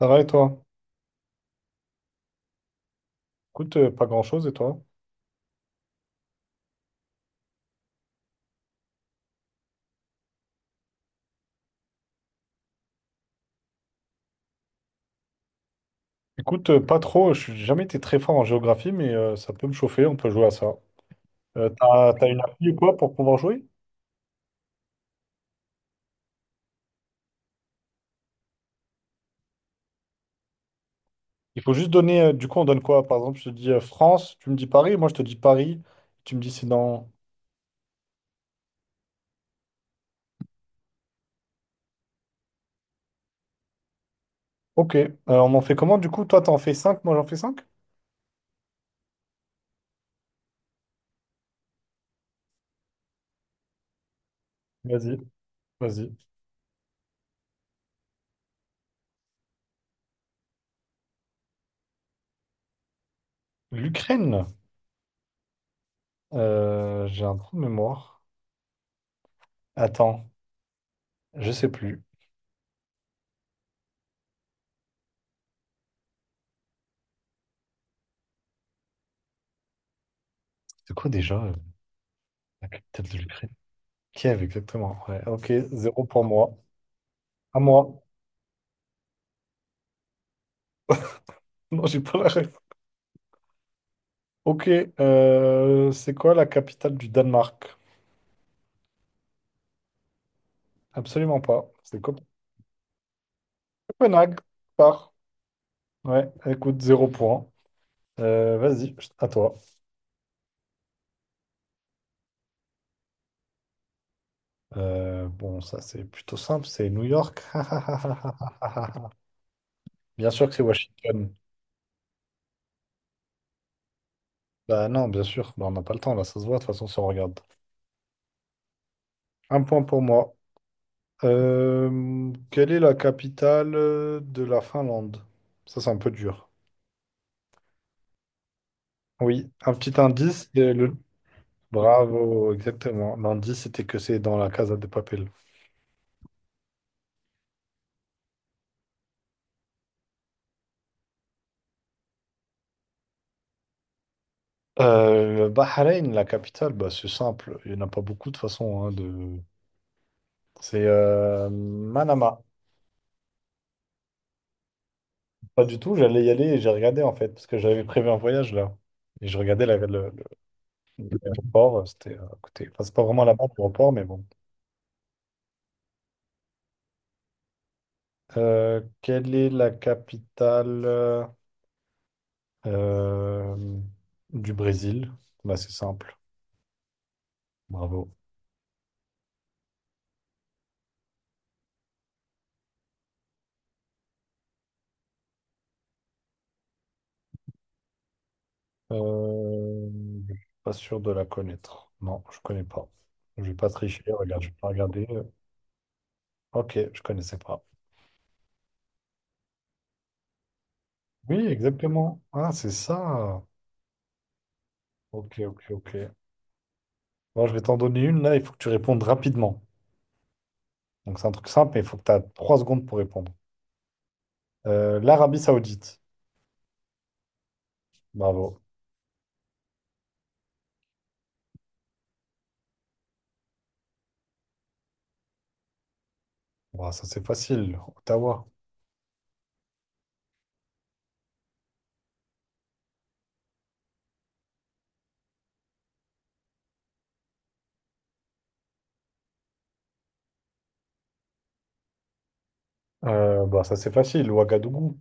Ça va et toi? Écoute, pas grand-chose et toi? Écoute, pas trop, je n'ai jamais été très fort en géographie, mais ça peut me chauffer, on peut jouer à ça. T'as une appli ou quoi pour pouvoir jouer? Il faut juste donner, du coup on donne quoi? Par exemple, je te dis France, tu me dis Paris, moi je te dis Paris, tu me dis c'est dans... Ok, on en fait comment du coup? Toi t'en fais cinq, moi j'en fais cinq. Vas-y, vas-y. L'Ukraine, j'ai un trou de mémoire. Attends, je sais plus. C'est quoi déjà la capitale de l'Ukraine? Kiev, exactement. Ouais, ok, zéro pour moi. À moi. Non, j'ai pas la ref. Ok, c'est quoi la capitale du Danemark? Absolument pas. Copenhague. Par. Ouais, écoute, zéro point. Vas-y, à toi. Bon, ça c'est plutôt simple, c'est New York. Bien sûr que c'est Washington. Bah non, bien sûr. Bah, on n'a pas le temps, là, ça se voit, de toute façon, si on regarde. Un point pour moi. Quelle est la capitale de la Finlande? Ça, c'est un peu dur. Oui, un petit indice, c'est le Bravo, exactement. L'indice, c'était que c'est dans la Casa de Papel. Bahreïn, la capitale, bah, c'est simple. Il n'y en a pas beaucoup de façon, hein, de... C'est Manama. Pas du tout, j'allais y aller et j'ai regardé en fait, parce que j'avais prévu un voyage là. Et je regardais l'aéroport, c'était à côté. Enfin, c'est pas vraiment là-bas, l'aéroport, mais bon. Quelle est la capitale euh, du Brésil? Bah, c'est simple. Bravo. Euh, je suis pas sûr de la connaître. Non, je connais pas. Je vais pas tricher. Regarde, je vais pas regarder. Ok, je connaissais pas. Oui, exactement. Ah, c'est ça. Ok, ok, ok. Bon, je vais t'en donner une là. Il faut que tu répondes rapidement. Donc c'est un truc simple, mais il faut que tu as trois secondes pour répondre. l'Arabie Saoudite. Bravo. Bah, ça c'est facile. Ottawa. Bah, ça c'est facile. Ouagadougou.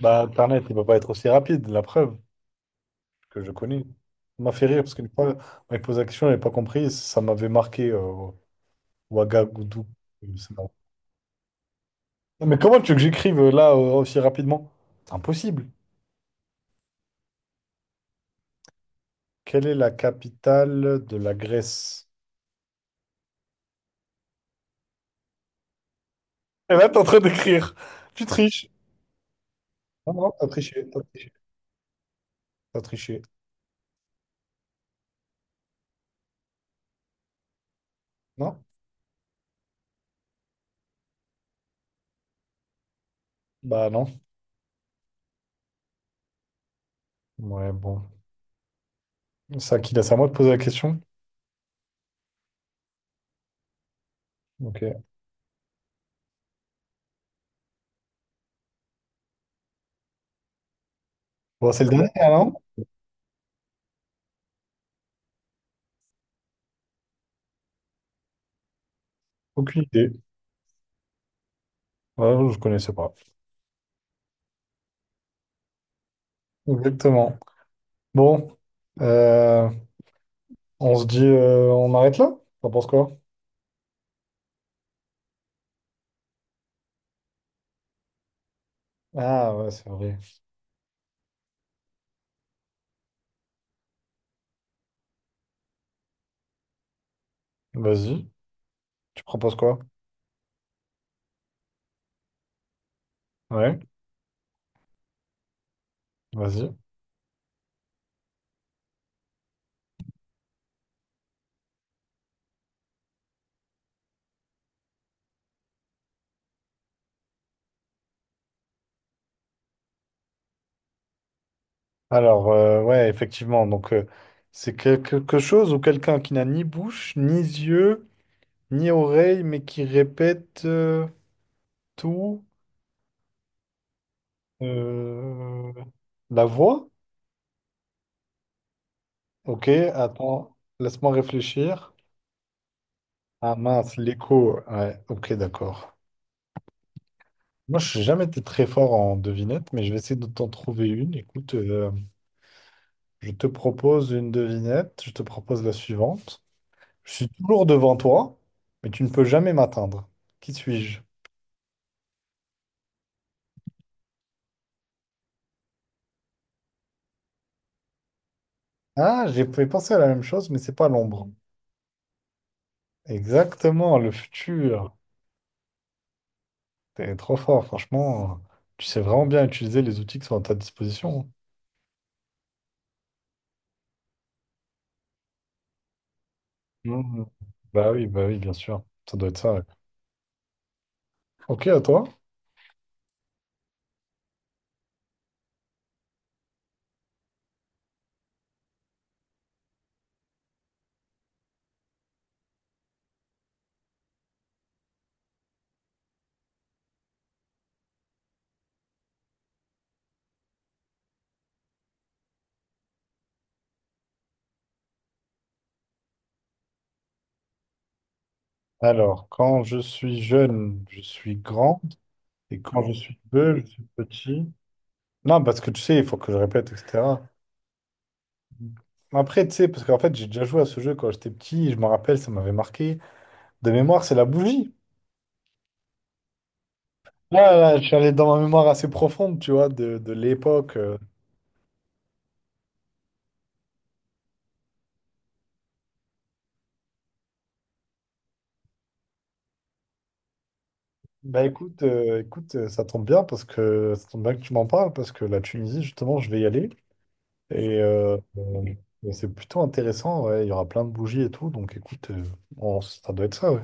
Bah, Internet, il peut pas être aussi rapide. La preuve. Que je connais. Ça m'a fait rire parce qu'une fois, on m'a posé la question, je n'avais pas compris, ça m'avait marqué Ouagadougou. C'est marrant. Non, mais comment tu veux que j'écrive là aussi rapidement? C'est impossible. Quelle est la capitale de la Grèce? Et là, t'es en train d'écrire. Tu triches. Non, non, t'as triché, t'as triché, t'as triché. Non? Bah non. Ouais, bon. C'est à qui là? C'est à moi de poser la question? Ok. Bon, c'est le dernier, hein, non? Aucune idée. Ouais, je connaissais pas. Exactement. Bon. Euh, On se dit, on arrête là? T'en penses quoi? Ah ouais, c'est vrai. Vas-y. Tu proposes quoi? Ouais, vas-y. Alors, ouais, effectivement. Donc, c'est quelque chose ou quelqu'un qui n'a ni bouche, ni yeux, ni oreille, mais qui répète tout. euh, La voix? Ok, attends. Laisse-moi réfléchir. Ah mince, l'écho. Ouais, ok, d'accord. Moi, je n'ai jamais été très fort en devinette, mais je vais essayer de t'en trouver une. Écoute. Je te propose une devinette, je te propose la suivante. Je suis toujours devant toi, mais tu ne peux jamais m'atteindre. Qui suis-je? Ah, j'ai pensé à la même chose, mais c'est pas l'ombre. Exactement, le futur. T'es trop fort, franchement. Tu sais vraiment bien utiliser les outils qui sont à ta disposition. Mhm. Bah oui, bien sûr. Ça doit être ça, ouais. Ok, à toi. Alors, quand je suis jeune, je suis grand. Et quand je suis peu, je suis petit. Non, parce que tu sais, il faut que je répète, etc. Après, tu sais, parce qu'en fait, j'ai déjà joué à ce jeu quand j'étais petit, et je me rappelle, ça m'avait marqué. De mémoire, c'est la bougie. Là, là, je suis allé dans ma mémoire assez profonde, tu vois, de l'époque. Bah écoute, écoute, ça tombe bien parce que ça tombe bien que tu m'en parles, parce que la Tunisie, justement, je vais y aller. Et c'est plutôt intéressant, ouais. Il y aura plein de bougies et tout, donc écoute, ça doit être ça, ouais.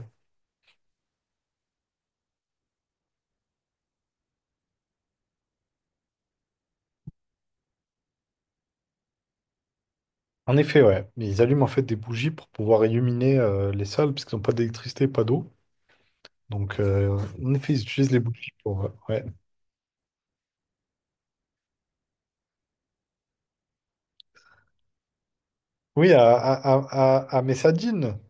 En effet, ouais. Ils allument en fait des bougies pour pouvoir illuminer les salles, puisqu'ils n'ont pas d'électricité, pas d'eau. Donc, en effet, ils utilisent les boucliers pour. Ouais. Oui, à Messadine.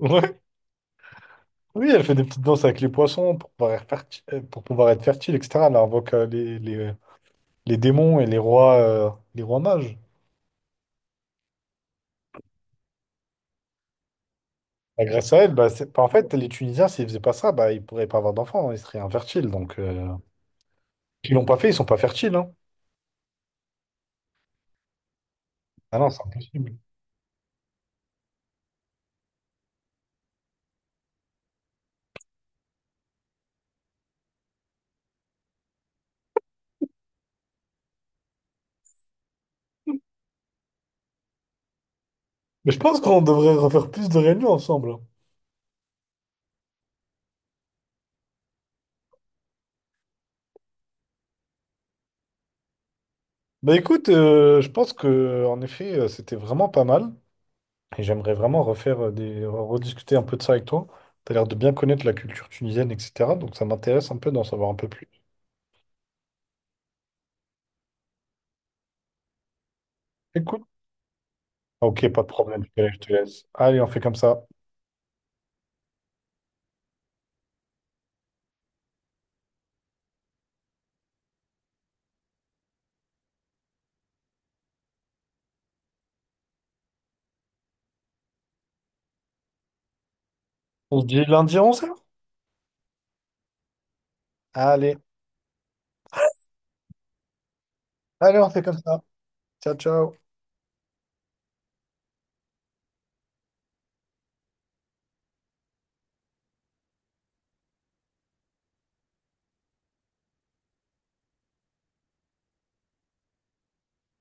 Ouais. Oui, elle fait des petites danses avec les poissons pour pouvoir être fertile, etc. Elle invoque les démons et les rois mages. Bah, grâce à elle, bah, en fait, les Tunisiens, s'ils faisaient pas ça, bah, ils pourraient pas avoir d'enfants, hein, ils seraient infertiles. Donc, ils l'ont pas fait, ils sont pas fertiles, hein. Ah non, c'est impossible. Mais je pense qu'on devrait refaire plus de réunions ensemble, hein. Bah écoute, je pense que en effet, c'était vraiment pas mal. Et j'aimerais vraiment refaire rediscuter un peu de ça avec toi. Tu as l'air de bien connaître la culture tunisienne, etc. Donc ça m'intéresse un peu d'en savoir un peu plus. Écoute. Ok, pas de problème, je te laisse. Allez, on fait comme ça. On se dit lundi 11h? Allez. Allez, on fait comme ça. Ciao, ciao.